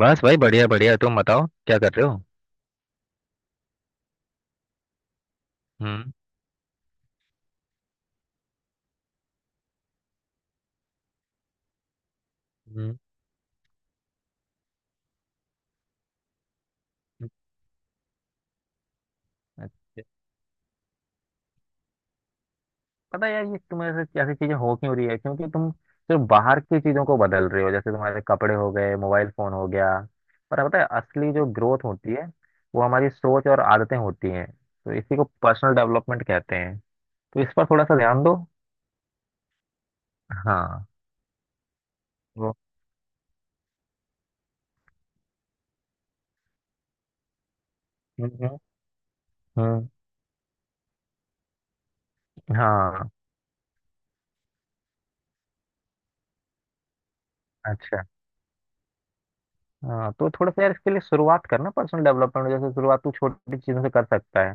बस भाई बढ़िया बढ़िया तुम बताओ क्या कर रहे हो। हम्म हम्म, अच्छा। पता है यार, ये तुम्हारे साथ ऐसी चीजें हो क्यों रही है? क्योंकि तुम सिर्फ बाहर की चीजों को बदल रहे हो। जैसे तुम्हारे कपड़े हो गए, मोबाइल फोन हो गया। पर पता है, असली जो ग्रोथ होती है वो हमारी सोच और आदतें होती हैं। तो इसी को पर्सनल डेवलपमेंट कहते हैं। तो इस पर थोड़ा सा ध्यान दो। हाँ। वो हम्म हम्म, हम्म, हाँ। अच्छा। हाँ, तो थोड़ा सा यार, इसके लिए शुरुआत करना पर्सनल डेवलपमेंट। जैसे शुरुआत तू छोटी चीजों से कर सकता है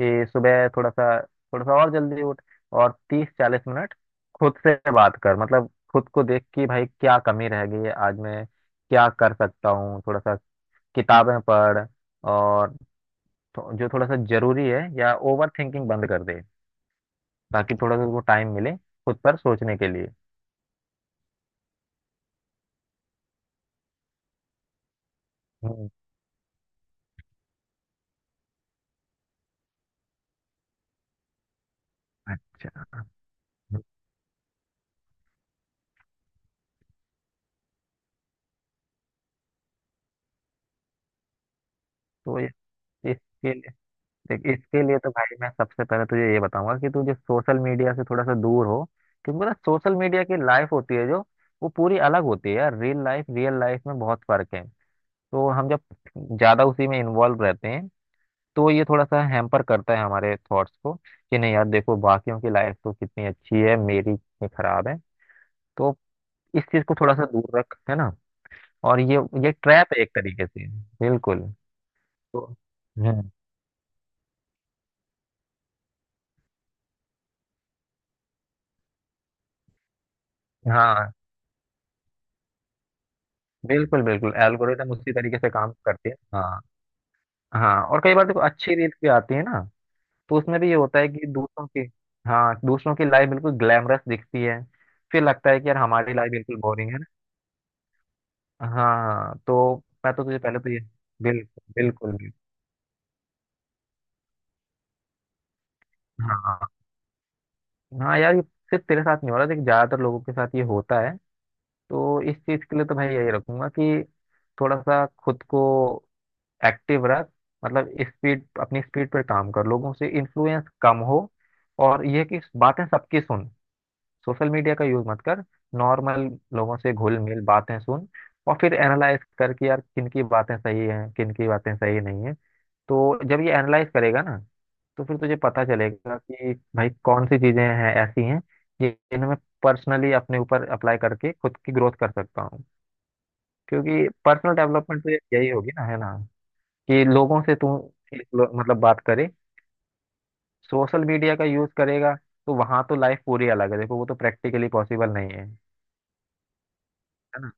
कि सुबह थोड़ा सा और जल्दी उठ, और तीस चालीस मिनट खुद से बात कर। मतलब खुद को देख कि भाई क्या कमी रह गई है, आज मैं क्या कर सकता हूँ। थोड़ा सा किताबें पढ़, और जो थोड़ा सा जरूरी है, या ओवर थिंकिंग बंद कर दे, ताकि थोड़ा सा वो टाइम मिले खुद पर सोचने के लिए। हम्म, अच्छा। तो इस- इसके लिए देख, इसके लिए तो भाई मैं सबसे पहले तुझे ये बताऊंगा कि तुझे सोशल मीडिया से थोड़ा सा दूर हो। क्योंकि पता, सोशल मीडिया की लाइफ होती है जो, वो पूरी अलग होती है यार। रियल लाइफ में बहुत फर्क है। तो हम जब ज्यादा उसी में इन्वॉल्व रहते हैं, तो ये थोड़ा सा हैम्पर करता है हमारे थॉट्स को कि नहीं यार, देखो बाकियों की लाइफ तो कितनी अच्छी है, मेरी कितनी खराब है। तो इस चीज को थोड़ा सा दूर रख, है ना। और ये ट्रैप है एक तरीके से, बिल्कुल। तो हम्म हाँ। बिल्कुल बिल्कुल, एल्गोरिदम उसी तरीके से काम करती है, हाँ। हाँ, और कई बार देखो अच्छी रील्स भी आती है ना। तो उसमें भी ये होता है कि दूसरों की, हाँ, दूसरों की लाइफ बिल्कुल ग्लैमरस दिखती है। फिर लगता है कि यार हमारी लाइफ बिल्कुल बोरिंग है ना। हाँ तो मैं तो तुझे पहले तो ये बिल्कुल बिल्कुल बिल्कुल, हाँ। हाँ यार, ये सिर्फ तेरे साथ नहीं हो रहा। देखिए ज्यादातर लोगों के साथ ये होता है। तो इस चीज के लिए तो भाई यही रखूंगा कि थोड़ा सा खुद को एक्टिव रख। मतलब स्पीड, अपनी स्पीड पर काम कर, लोगों से इन्फ्लुएंस कम हो। और यह कि बातें सबकी सुन, सोशल मीडिया का यूज मत कर। नॉर्मल लोगों से घुल मिल, बातें सुन, और फिर एनालाइज कर कि यार किन की बातें सही हैं, किन की बातें सही नहीं है। तो जब ये एनालाइज करेगा ना, तो फिर तुझे पता चलेगा कि भाई कौन सी चीजें हैं ऐसी हैं जिन्हें मैं पर्सनली अपने ऊपर अप्लाई करके खुद की ग्रोथ कर सकता हूँ। क्योंकि पर्सनल डेवलपमेंट तो यही होगी ना, है ना। कि लोगों से तू मतलब बात करे, सोशल मीडिया का यूज करेगा तो वहां तो लाइफ पूरी अलग है। देखो वो तो प्रैक्टिकली पॉसिबल नहीं है, है ना।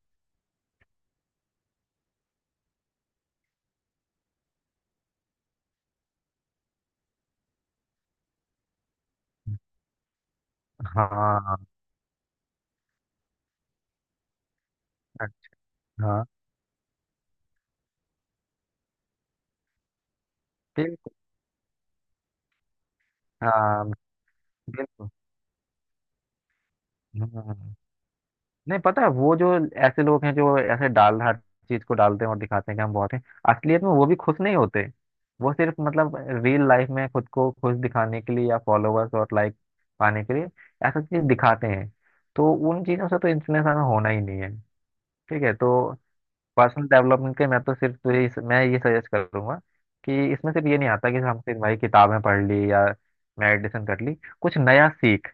हाँ हाँ बिल्कुल। हाँ बिल्कुल। हम्म। नहीं, पता है वो जो ऐसे लोग हैं जो ऐसे डाल हर चीज को डालते हैं और दिखाते हैं कि हम बहुत हैं, असलियत में वो भी खुश नहीं होते। वो सिर्फ मतलब रियल लाइफ में खुद को खुश दिखाने के लिए, या फॉलोअर्स और लाइक पाने के लिए ऐसा चीज दिखाते हैं। तो उन चीजों से तो इन्फ्लुएंस हमें होना ही नहीं है। ठीक है। तो पर्सनल डेवलपमेंट के मैं तो सिर्फ तुझे मैं ये सजेस्ट करूंगा कि इसमें सिर्फ ये नहीं आता कि हम सिर्फ भाई किताबें पढ़ ली, या मेडिटेशन कर ली। कुछ नया सीख,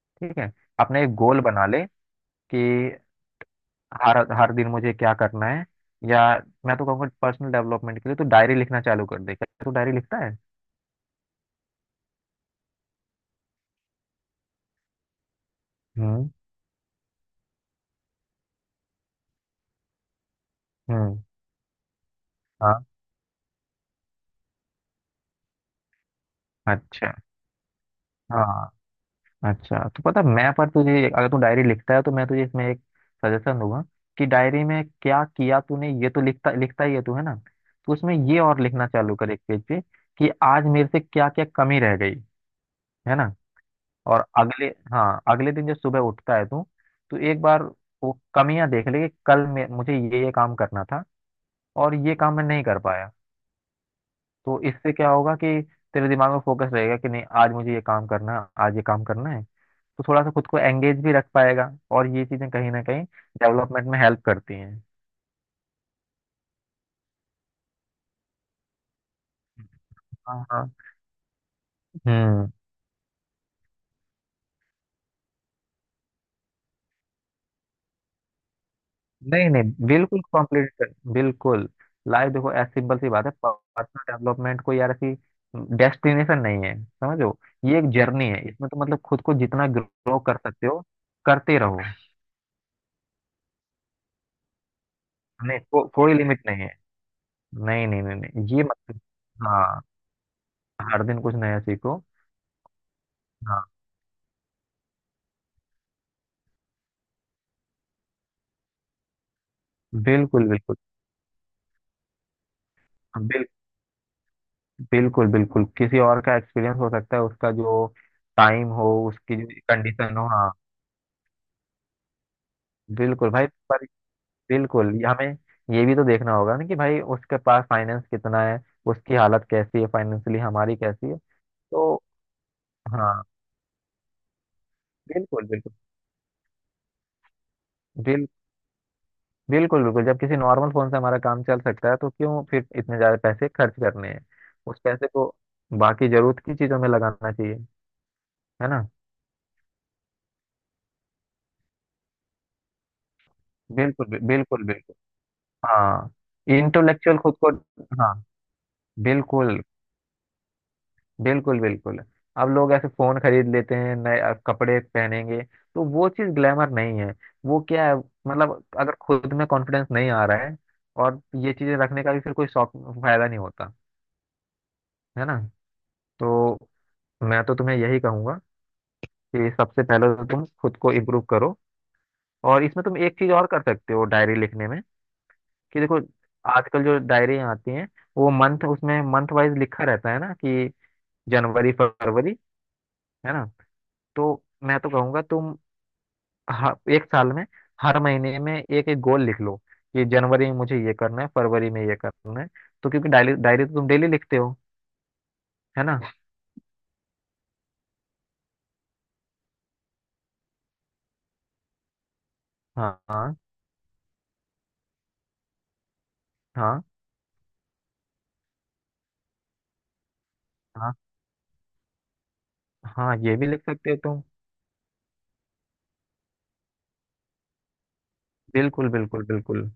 ठीक है। अपने एक गोल बना ले कि हर हर दिन मुझे क्या करना है। या मैं तो कहूँगा पर्सनल डेवलपमेंट के लिए तो डायरी लिखना चालू कर दे। क्या तू डायरी लिखता है? हम्म हम्म हाँ। अच्छा। हाँ अच्छा, तो पता है, मैं पर तुझे, अगर तू डायरी लिखता है तो मैं तुझे इसमें एक सजेशन दूंगा कि डायरी में क्या किया तूने, ये तो लिखता लिखता ही है तू, है ना। तो उसमें ये और लिखना चालू कर एक पेज पे कि आज मेरे से क्या क्या कमी रह गई, है ना। और अगले, हाँ अगले दिन जब सुबह उठता है तू, तो एक बार वो कमियां देख ले कि कल मैं मुझे ये काम करना था और ये काम मैं नहीं कर पाया। तो इससे क्या होगा कि तेरे दिमाग में फोकस रहेगा कि नहीं आज मुझे ये काम करना है, आज ये काम करना है। तो थोड़ा सा खुद को एंगेज भी रख पाएगा, और ये चीजें कहीं ना कहीं डेवलपमेंट में हेल्प करती हैं। हाँ हाँ हम्म। नहीं नहीं, बिल्कुल कंप्लीट कर बिल्कुल। लाइफ देखो ऐसी सिंपल सी बात है। पर्सनल डेवलपमेंट कोई यार ऐसी डेस्टिनेशन नहीं है, समझो। ये एक जर्नी है, इसमें तो मतलब खुद को जितना ग्रो कर सकते हो करते रहो। कोई लिमिट नहीं है। नहीं नहीं नहीं नहीं ये मतलब हाँ, हर दिन कुछ नया सीखो। हाँ बिल्कुल बिल्कुल बिल्कुल। बिल्कुल बिल्कुल, किसी और का एक्सपीरियंस हो सकता है, उसका जो टाइम हो, उसकी जो कंडीशन हो। हाँ बिल्कुल भाई। पर बिल्कुल, ये हमें ये भी तो देखना होगा ना कि भाई उसके पास फाइनेंस कितना है, उसकी हालत कैसी है फाइनेंशियली, हमारी कैसी है। तो हाँ बिल्कुल बिल्कुल। बिल बिल्कुल बिल्कुल, जब किसी नॉर्मल फोन से हमारा काम चल सकता है तो क्यों फिर इतने ज्यादा पैसे खर्च करने हैं। उस पैसे को बाकी जरूरत की चीजों में लगाना चाहिए, है ना। बिल्कुल बिल्कुल बिल्कुल। हाँ। इंटेलेक्चुअल खुद को, हाँ। बिल्कुल बिल्कुल बिल्कुल। अब लोग ऐसे फोन खरीद लेते हैं नए, कपड़े पहनेंगे, तो वो चीज ग्लैमर नहीं है। वो क्या है मतलब, अगर खुद में कॉन्फिडेंस नहीं आ रहा है और ये चीजें रखने का भी फिर कोई शौक फायदा नहीं होता, है ना। तो मैं तो तुम्हें यही कहूंगा कि सबसे पहले तो तुम खुद को इम्प्रूव करो। और इसमें तुम एक चीज और कर सकते हो डायरी लिखने में। कि देखो, आजकल जो डायरियां आती हैं, वो मंथ, उसमें मंथ वाइज लिखा रहता है ना कि जनवरी, फरवरी, है ना। तो मैं तो कहूंगा तुम हर एक साल में, हर महीने में एक एक गोल लिख लो कि जनवरी में मुझे ये करना है, फरवरी में ये करना है। तो क्योंकि डायरी डायरी तो तुम डेली लिखते हो, है ना। हाँ हाँ हाँ हाँ हाँ, ये भी लिख सकते हो तुम। बिल्कुल बिल्कुल बिल्कुल।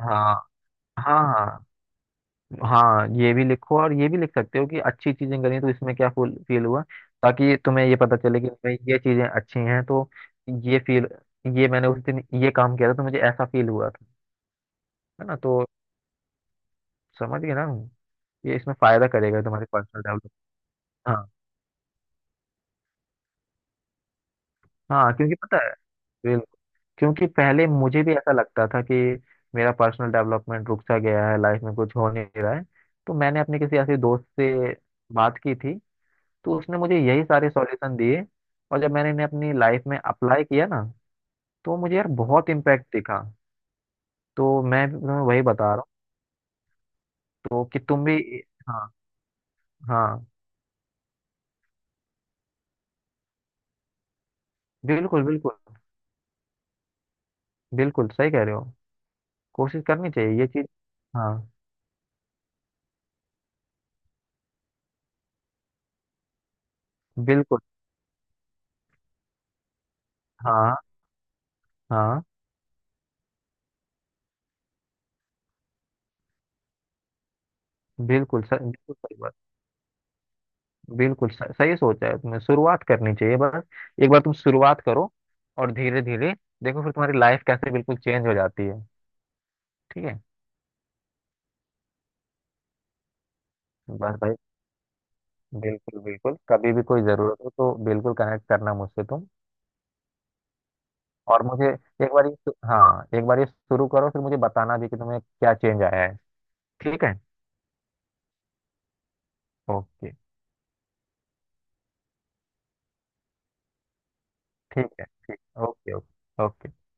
हाँ हाँ, हाँ ये भी लिखो, और ये भी लिख सकते हो कि अच्छी चीजें करी तो इसमें क्या फील हुआ, ताकि तुम्हें ये पता चले कि भाई ये चीजें अच्छी हैं। तो ये फील, ये मैंने उस दिन ये काम किया था तो मुझे ऐसा फील हुआ था, है ना। तो समझ गए ना, ये इसमें फायदा करेगा तुम्हारे पर्सनल डेवलपमेंट। हाँ हाँ, क्योंकि पता है, बिल्कुल। क्योंकि पहले मुझे भी ऐसा लगता था कि मेरा पर्सनल डेवलपमेंट रुक सा गया है, लाइफ में कुछ हो नहीं रहा है। तो मैंने अपने किसी ऐसे दोस्त से बात की थी, तो उसने मुझे यही सारे सॉल्यूशन दिए। और जब मैंने इन्हें अपनी लाइफ में अप्लाई किया ना, तो मुझे यार बहुत इम्पैक्ट दिखा। तो मैं भी तुम्हें वही बता रहा हूँ। तो कि तुम भी हाँ हाँ। बिल्कुल बिल्कुल, बिल्कुल सही कह रहे हो। कोशिश करनी चाहिए ये चीज। हाँ बिल्कुल। हाँ हाँ, बिल्कुल सही, बिल्कुल सही बात। बिल्कुल सही, सही सोचा है तुमने। शुरुआत करनी चाहिए बस, एक बार तुम शुरुआत करो और धीरे धीरे देखो फिर तुम्हारी लाइफ कैसे बिल्कुल चेंज हो जाती है। ठीक है। बस भाई, बिल्कुल बिल्कुल, कभी भी कोई जरूरत हो तो बिल्कुल कनेक्ट करना मुझसे तुम। और मुझे एक बार ये हाँ, एक बार ये शुरू करो, फिर मुझे बताना भी कि तुम्हें क्या चेंज आया है। ठीक है। ओके। ठीक है ठीक ओके ओके ओके।